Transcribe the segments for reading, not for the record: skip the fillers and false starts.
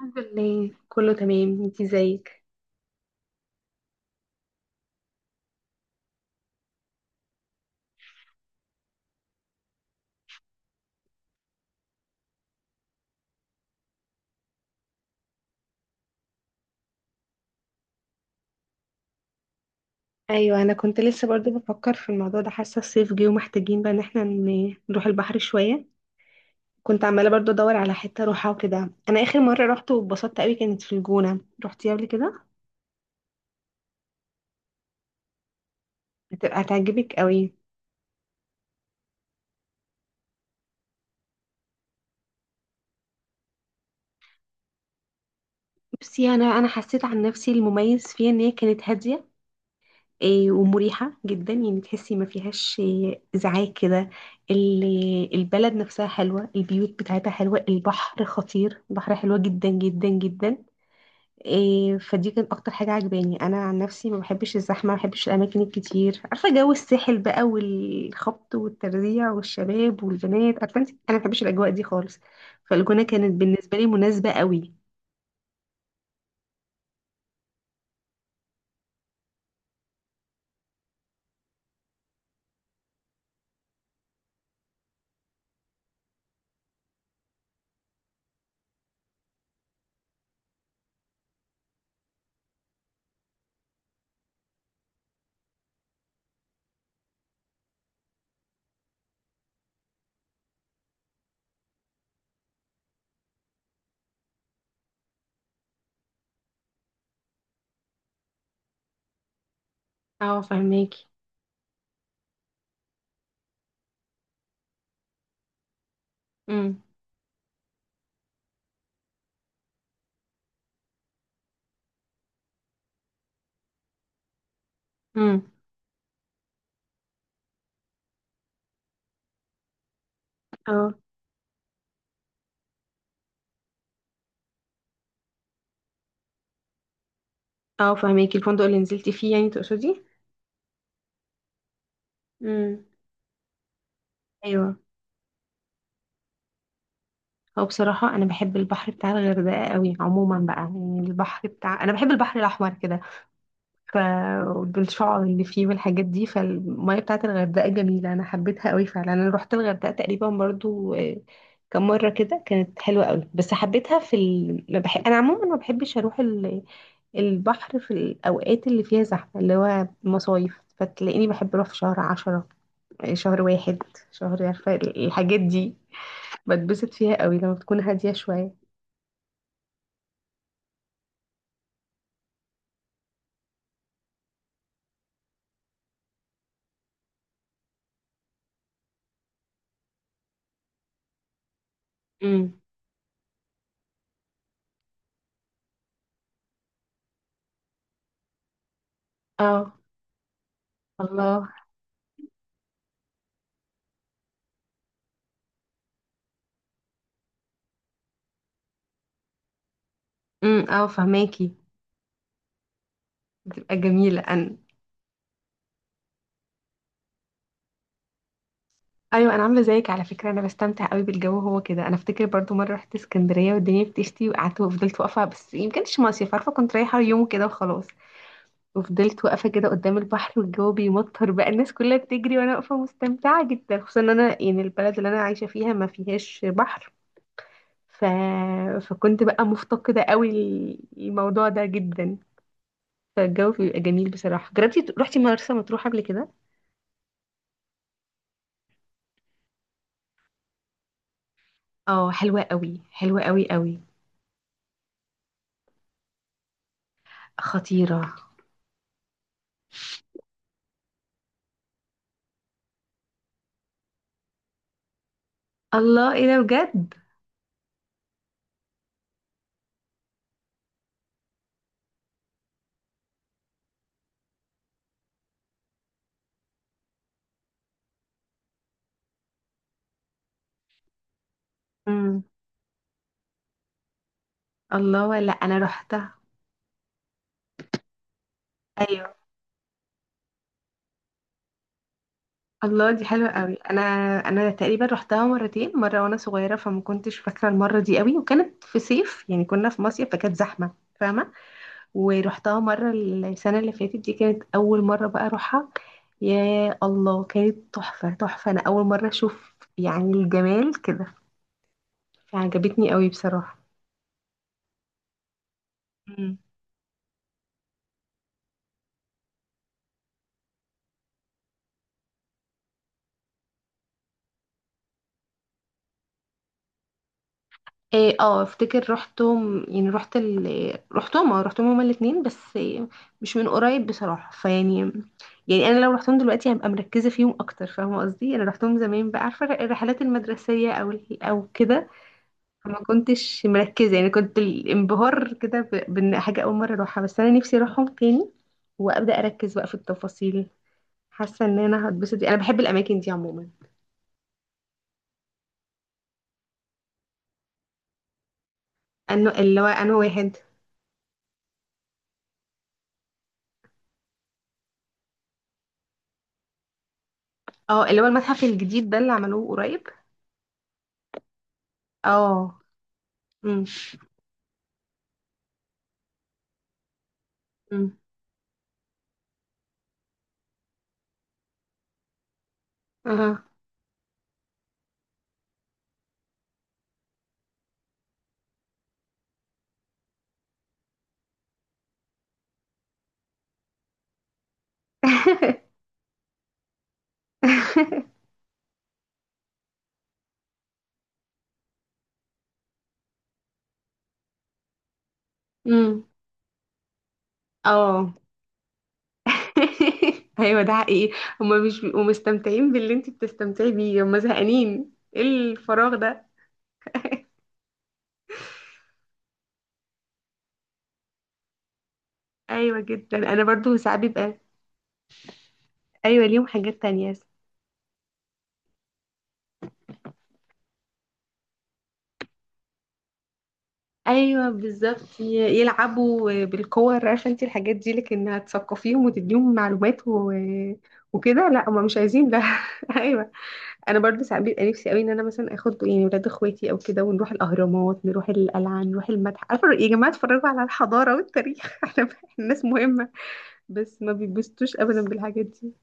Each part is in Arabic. الحمد لله كله تمام، انتي ازيك؟ ايوه، انا كنت لسه برضو بفكر في الموضوع ده. حاسه الصيف جه ومحتاجين بقى ان احنا نروح البحر شويه. كنت عماله برضو ادور على حته اروحها وكده. انا اخر مره رحت واتبسطت قوي كانت في الجونه. رحتي قبل كده؟ هتبقى هتعجبك قوي. بصي انا حسيت عن نفسي المميز فيها ان هي كانت هاديه، ومريحه جدا. يعني تحسي ما فيهاش ازعاج كده. البلد نفسها حلوه، البيوت بتاعتها حلوه، البحر خطير، البحر حلوه جدا جدا جدا. فدي كانت اكتر حاجه عجباني. انا عن نفسي ما بحبش الزحمه، ما بحبش الاماكن الكتير. عارفه جو الساحل بقى والخبط والترزيع والشباب والبنات؟ عارفه انت، انا ما بحبش الاجواء دي خالص. فالجونه كانت بالنسبه لي مناسبه قوي. اه فهماكي. امم. امم. اه. اه فهماكي. الفندق اللي نزلتي فيه يعني تقصدي؟ امم. ايوه. هو بصراحه انا بحب البحر بتاع الغردقه قوي عموما بقى. يعني البحر بتاع، انا بحب البحر الاحمر كده، ف بالشعر اللي فيه والحاجات دي. فالمية بتاعت الغردقة جميلة، أنا حبيتها قوي فعلا. أنا روحت الغردقة تقريبا برضو كم مرة كده. كانت حلوة قوي. بس حبيتها في ال... ما بح... أنا عموما ما بحبش أروح البحر في الأوقات اللي فيها زحمة، اللي هو مصايف. فتلاقيني بحب أروح في شهر عشرة، شهر واحد، شهر. عارفة الحاجات دي بتبسط فيها قوي لما بتكون هادية شوية. امم. اه. الله. اه فهماكي. بتبقى جميلة أنا. ايوه، انا عامله زيك على فكره. انا بستمتع قوي بالجو، هو كده. انا افتكر برضو مره رحت اسكندريه والدنيا بتشتي، وقعدت وفضلت واقفه. بس يمكنش كانش مصيف، عارفه، كنت رايحه يوم كده وخلاص. وفضلت واقفه كده قدام البحر والجو بيمطر بقى، الناس كلها بتجري وانا واقفه مستمتعه جدا، خصوصا ان انا يعني البلد اللي انا عايشه فيها ما فيهاش بحر. ف... فكنت بقى مفتقده قوي الموضوع ده جدا. فالجو بيبقى جميل بصراحه. جربتي رحتي مرسى مطروح قبل كده؟ اه حلوه قوي، حلوه قوي قوي. خطيره. الله، ايه ده بجد! امم. الله، لا انا روحتها. ايوه. الله، دي حلوه قوي. انا انا تقريبا روحتها مرتين. مره وانا صغيره فما كنتش فاكره المره دي قوي، وكانت في صيف يعني كنا في مصيف فكانت زحمه، فاهمه. ورحتها مره السنه اللي فاتت، دي كانت اول مره بقى اروحها. يا الله، كانت تحفه تحفه. انا اول مره اشوف يعني الجمال كده، فعجبتني قوي بصراحه. إيه، اه افتكر رحتهم. يعني رحت رحتهم. اه رحتهم هما الاتنين، بس إيه، مش من قريب بصراحة. فيعني يعني انا لو رحتهم دلوقتي هبقى مركزة فيهم اكتر، فاهمة قصدي؟ انا رحتهم زمان بقى، عارفة الرحلات المدرسية او او كده. فما كنتش مركزة، يعني كنت الانبهار كده بان حاجة اول مرة اروحها. بس انا نفسي اروحهم تاني وابدا اركز بقى في التفاصيل. حاسة ان انا هتبسط، انا بحب الاماكن دي عموما. انه اللي هو انا واحد. اه اللي هو المتحف الجديد ده اللي عملوه قريب. اه. امم. امم. اها. امم. اه. ايوه ده حقيقي. هما مش بيبقوا مستمتعين باللي انت بتستمتعي بيه. هما زهقانين، ايه الفراغ ده؟ ايوه جدا. انا برضو ساعات بيبقى. ايوه ليهم حاجات تانية. ايوه بالظبط، يلعبوا بالكور عارفه انت الحاجات دي. لكن هتثقفيهم وتديهم معلومات وكده، لا هما مش عايزين ده. ايوه. انا برضه ساعات بيبقى نفسي قوي ان انا مثلا اخد يعني ولاد اخواتي او كده ونروح الاهرامات، نروح القلعه، نروح المتحف. عارفه، يا جماعه اتفرجوا على الحضاره والتاريخ. احنا الناس مهمه. بس ما بيتبسطوش ابدا بالحاجات دي.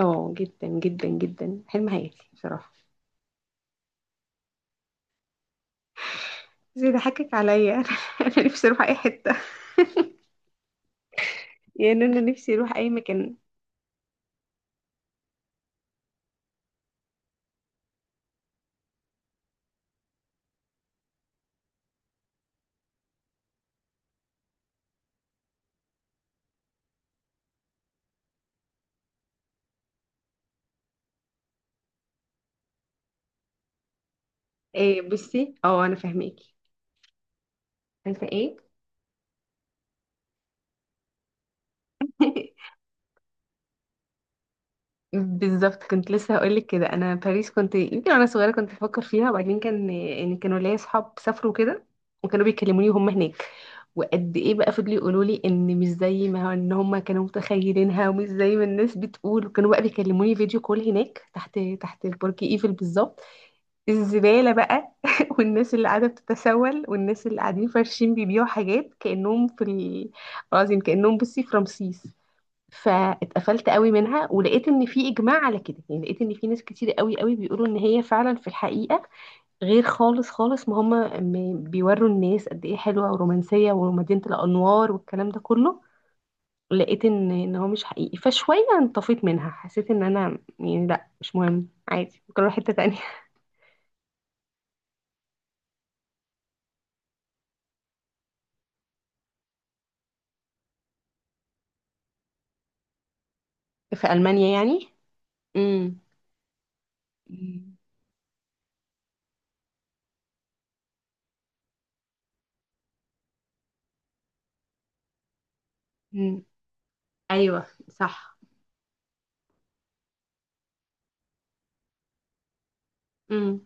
اه جدا جدا جدا، حلم حياتي بصراحه. بس بيضحكك عليا. انا نفسي اروح اي حته، يعني انا نفسي اروح اي مكان. إيه بصي، اه انا فاهماكي. عارفه ايه؟ بالظبط كنت لسه هقولك كده. انا باريس كنت يمكن وانا صغيره كنت بفكر فيها. وبعدين كان يعني كانوا ليا اصحاب سافروا كده وكانوا بيكلموني وهم هناك، وقد ايه بقى فضلوا يقولوا لي ان مش زي ما ان هم كانوا متخيلينها ومش زي ما الناس بتقول. وكانوا بقى بيكلموني فيديو كول هناك تحت، تحت برج ايفل بالظبط، الزباله بقى، والناس اللي قاعده بتتسول والناس اللي قاعدين فارشين بيبيعوا حاجات كانهم في العظيم، كانهم بصي في رمسيس. فاتقفلت قوي منها ولقيت ان في اجماع على كده. يعني لقيت ان في ناس كتير قوي قوي بيقولوا ان هي فعلا في الحقيقه غير خالص خالص. ما هم بيوروا الناس قد ايه حلوه ورومانسيه ومدينه الانوار والكلام ده كله. لقيت ان ان هو مش حقيقي، فشويه انطفيت منها. حسيت ان انا يعني لا مش مهم، عادي ممكن اروح حته تانية. في المانيا يعني. امم. امم. ايوه صح. امم.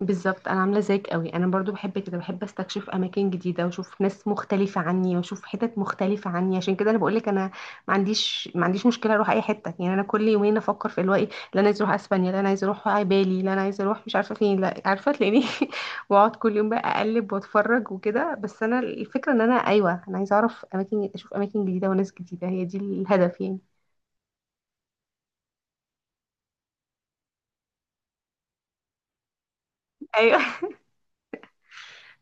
بالظبط، انا عامله زيك قوي. انا برضو بحب كده، بحب استكشف اماكن جديده واشوف ناس مختلفه عني واشوف حتت مختلفه عني. عشان كده انا بقول لك انا ما عنديش، ما عنديش مشكله اروح اي حته. يعني انا كل يومين افكر في اللي هو ايه. لا انا عايز اروح اسبانيا، لا انا عايز اروح بالي، لا انا عايز اروح مش عارفه فين، لا عارفه تلاقيني واقعد كل يوم بقى اقلب واتفرج وكده. بس انا الفكره ان انا ايوه انا عايزه اعرف اماكن، اشوف اماكن جديده وناس جديده، هي دي الهدف يعني. أيوة.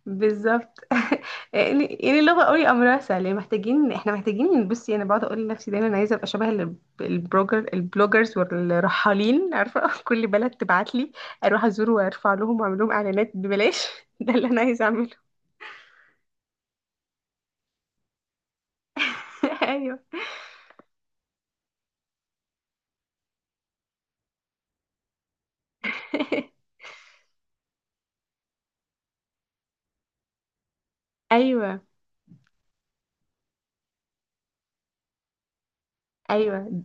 بالظبط. يعني يعني اللغه قوي امرها سهل، يعني محتاجين احنا محتاجين. بصي انا بقعد اقول لنفسي دايما انا عايزه ابقى شبه البروجر، البلوجرز والرحالين. عارفه، كل بلد تبعت لي اروح ازور وارفع لهم واعمل لهم اعلانات ببلاش. ده اللي انا عايزه اعمله. ايوه. ايوه. ايوه.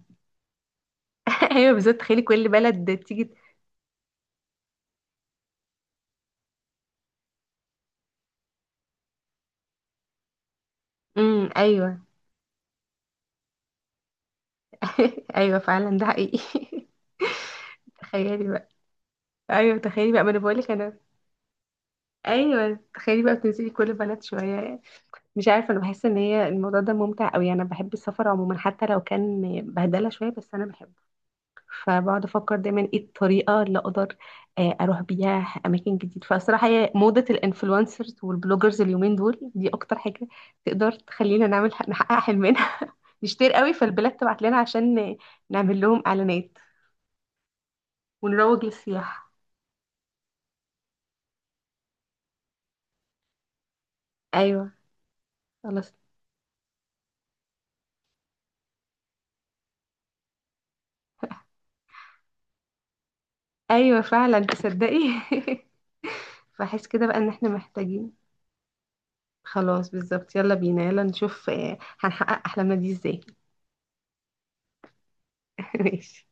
ايوه بالظبط، تخيلي كل بلد تيجي. امم. ايوه. ايوه فعلا ده حقيقي. تخيلي بقى. ايوه تخيلي بقى، ما انا بقول لك انا. ايوه تخيلي بقى بتنزلي كل بلد شويه. مش عارفه، انا بحس ان هي الموضوع ده ممتع قوي. انا بحب السفر عموما حتى لو كان بهدله شويه، بس انا بحبه. فبقعد افكر دايما ايه الطريقه اللي اقدر اروح بيها اماكن جديده. فصراحه هي موضه الانفلونسرز والبلوجرز اليومين دول دي اكتر حاجه تقدر تخلينا نعمل، نحقق حلمنا. نشتري قوي فالبلاد تبعت لنا عشان نعمل لهم اعلانات ونروج للسياحه. ايوه. خلاص. ايوه فعلا تصدقي. فاحس كده بقى ان احنا محتاجين. خلاص بالظبط، يلا بينا، يلا نشوف هنحقق أحلامنا دي ازاي. ماشي.